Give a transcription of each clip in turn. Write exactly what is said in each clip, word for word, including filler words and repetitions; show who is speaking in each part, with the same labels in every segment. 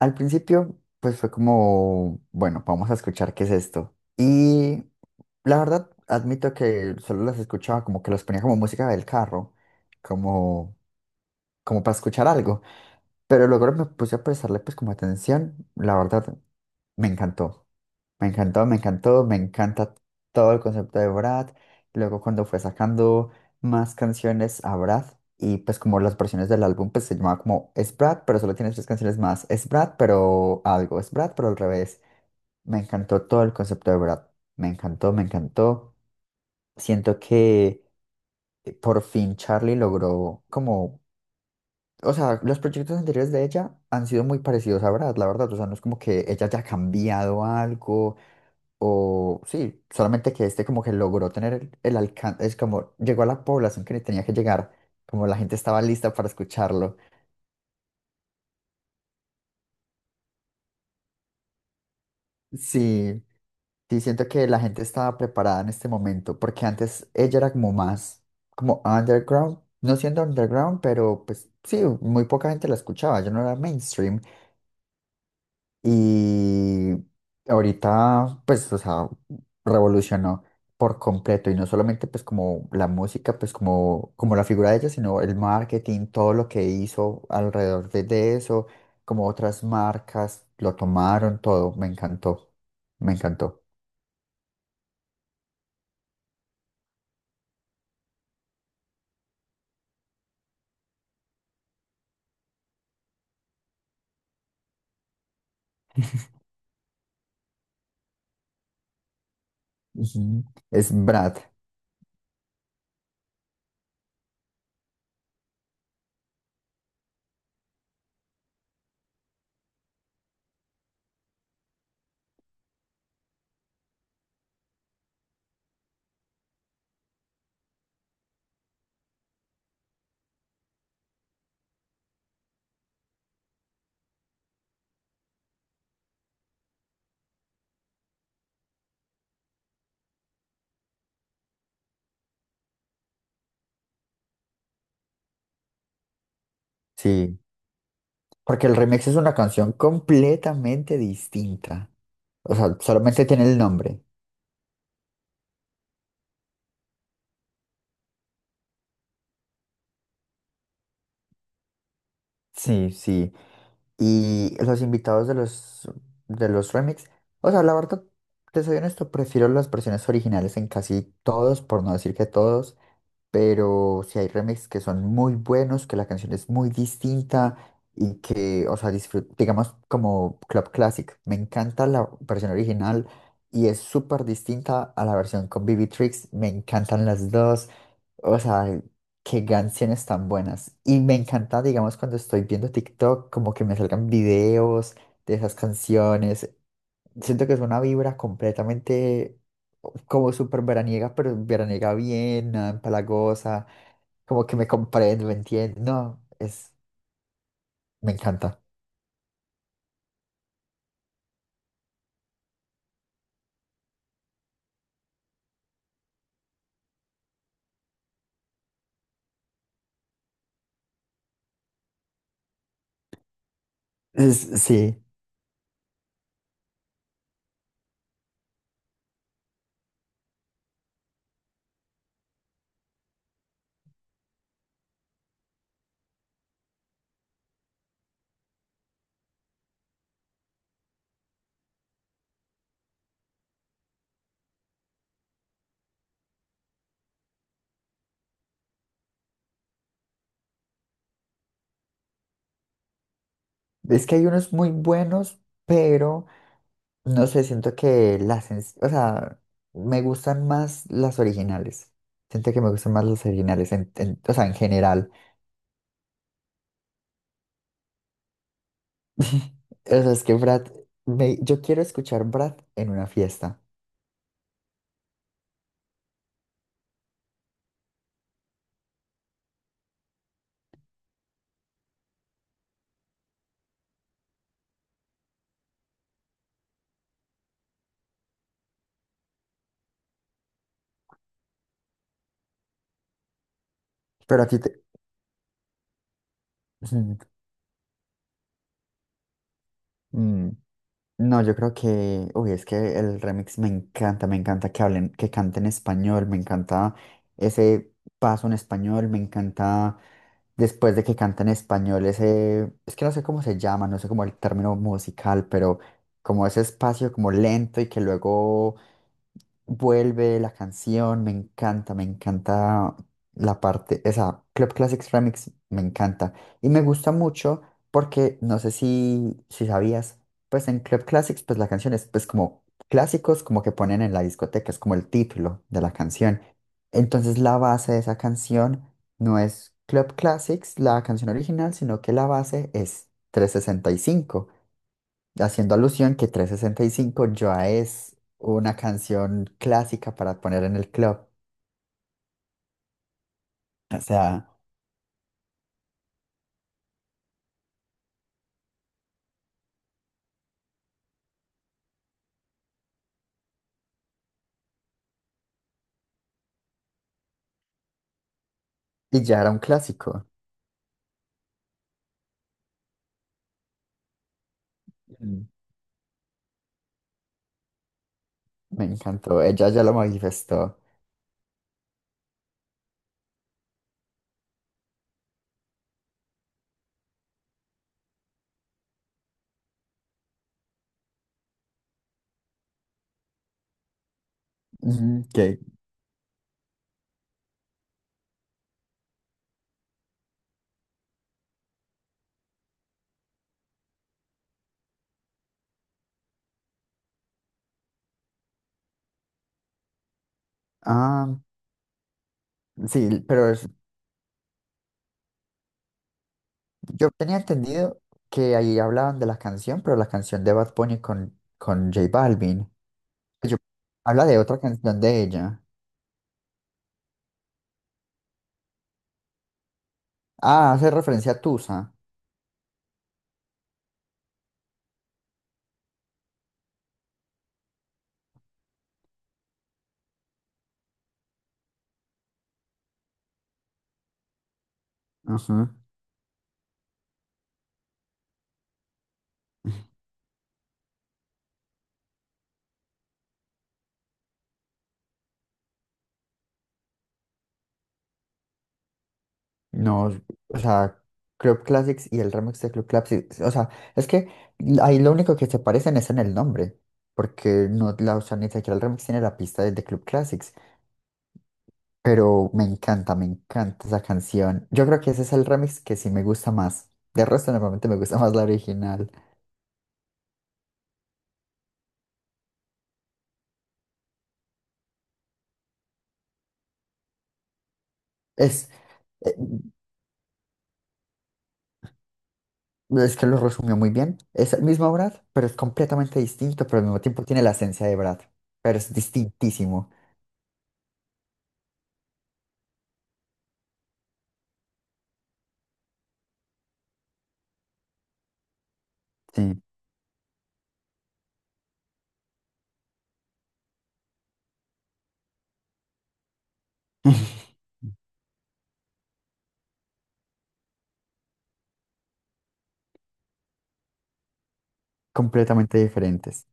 Speaker 1: Al principio, pues fue como, bueno, vamos a escuchar qué es esto. Y la verdad, admito que solo las escuchaba como que las ponía como música del carro, como, como para escuchar algo. Pero luego me puse a prestarle pues como atención. La verdad, me encantó. Me encantó, me encantó, me encanta todo el concepto de Brad. Luego cuando fue sacando más canciones a Brad y pues como las versiones del álbum pues se llamaba como Es Brad, pero solo tiene tres canciones más. Es Brad, pero algo. Es Brad, pero al revés. Me encantó todo el concepto de Brad. Me encantó, me encantó. Siento que eh, por fin Charlie logró como... O sea, los proyectos anteriores de ella han sido muy parecidos a Brad, la verdad. O sea, no es como que ella haya cambiado algo o sí, solamente que este como que logró tener el, el alcance, es como llegó a la población que le tenía que llegar, como la gente estaba lista para escucharlo. Sí, sí, siento que la gente estaba preparada en este momento, porque antes ella era como más, como underground, no siendo underground, pero pues sí, muy poca gente la escuchaba, yo no era mainstream. Y ahorita, pues, o sea, revolucionó por completo y no solamente pues como la música, pues como, como la figura de ella, sino el marketing, todo lo que hizo alrededor de, de eso, como otras marcas lo tomaron, todo, me encantó, me encantó. Ujú. Es Brad, sí, porque el remix es una canción completamente distinta, o sea, solamente tiene el nombre. Sí, sí. Y los invitados de los, de los remix, o sea, la verdad, te soy honesto, prefiero las versiones originales en casi todos, por no decir que todos, pero si hay remixes que son muy buenos, que la canción es muy distinta y que, o sea, disfrut- digamos como Club Classic, me encanta la versión original y es súper distinta a la versión con B B Tricks, me encantan las dos, o sea, qué canciones tan buenas. Y me encanta, digamos, cuando estoy viendo TikTok, como que me salgan videos de esas canciones. Siento que es una vibra completamente como súper veraniega, pero veraniega bien, nada empalagosa, como que me comprendo, me entiende. No, es, me encanta. Es- sí, es que hay unos muy buenos, pero no sé, siento que las, en- o sea, me gustan más las originales. Siento que me gustan más las originales, en- en- o sea, en general. O sea, es que Brad, me- yo quiero escuchar Brad en una fiesta, pero a ti te... No, yo creo que, uy, es que el remix me encanta, me encanta que hablen, que canten español, me encanta ese paso en español, me encanta después de que canten español ese, es que no sé cómo se llama, no sé cómo el término musical, pero como ese espacio como lento y que luego vuelve la canción, me encanta, me encanta la parte, esa Club Classics Remix, me encanta. Y me gusta mucho porque no sé si, si sabías, pues en Club Classics, pues la canción es pues como clásicos, como que ponen en la discoteca, es como el título de la canción. Entonces la base de esa canción no es Club Classics, la canción original, sino que la base es trescientos sesenta y cinco, haciendo alusión que trescientos sesenta y cinco ya es una canción clásica para poner en el club. O sea, y ya era un clásico. Mm. Me encantó, ella ya lo manifestó. Ujú, que- Ah, sí, pero es- yo tenía entendido que ahí hablaban de la canción, pero la canción de Bad Bunny con, con J Balvin. Yo- Habla de otra canción de ella. Ah, hace referencia a Tusa. No, o sea, Club Classics y el remix de Club Classics, o sea, es que ahí lo único que se parecen es en el nombre, porque no, la, o sea, ni siquiera el remix tiene la pista de, de Club Classics, pero me encanta, me encanta esa canción. Yo creo que ese es el remix que sí me gusta más. De resto, normalmente me gusta más la original. Es, eh, es que lo resumió muy bien. Es el mismo Brad, pero es completamente distinto, pero al mismo tiempo tiene la esencia de Brad, pero es distintísimo. Sí. Completamente diferentes.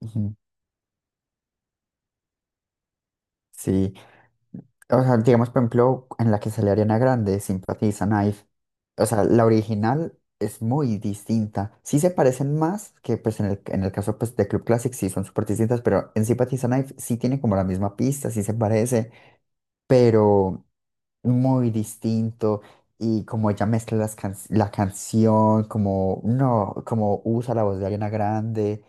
Speaker 1: Ujú. Sí, o sea, digamos, por ejemplo, en la que sale Ariana Grande, Sympathy is a Knife, o sea, la original es muy distinta. Sí se parecen más que, pues, en el, en el caso, pues, de Club Classic, sí son súper distintas, pero en Sympathy is a Knife sí tiene como la misma pista, sí se parece, pero muy distinto. Y como ella mezcla las can- la canción, como, no, como usa la voz de Ariana Grande,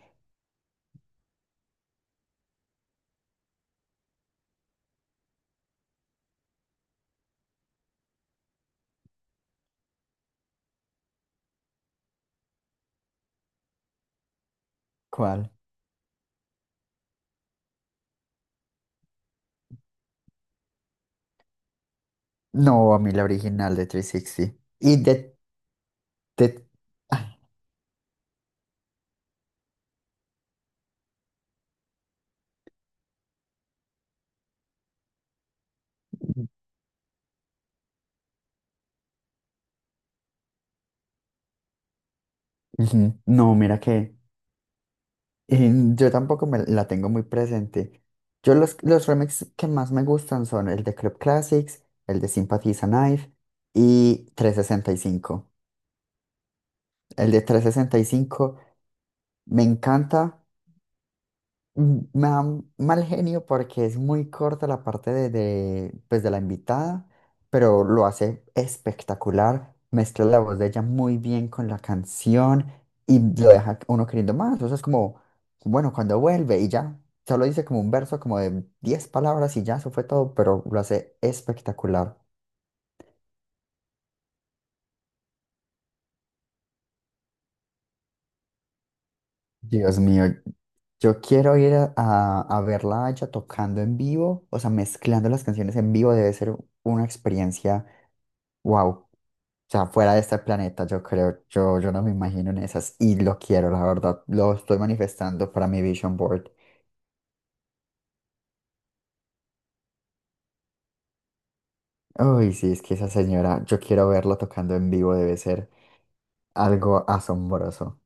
Speaker 1: ¿cuál? No, a mí la original de tres sesenta. Y de, Ujú. No, mira que eh, yo tampoco me la tengo muy presente. Yo los, los remixes que más me gustan son el de Club Classics, el de Sympathy is a Knife y trescientos sesenta y cinco. El de trescientos sesenta y cinco me encanta. Mm, me da mal genio porque es muy corta la parte de, de, pues de la invitada, pero lo hace espectacular. Mezcla la voz de ella muy bien con la canción y lo deja uno queriendo más. O sea, es como, bueno, cuando vuelve y ya, solo dice como un verso como de diez palabras y ya, eso fue todo, pero lo hace espectacular. Dios mío, yo quiero ir a, a- a verla a ella tocando en vivo, o sea, mezclando las canciones en vivo debe ser una experiencia, wow. O sea, fuera de este planeta, yo creo, yo, yo no me imagino en esas y lo quiero, la verdad, lo estoy manifestando para mi vision board. Uy, sí, es que esa señora, yo quiero verla tocando en vivo, debe ser algo asombroso.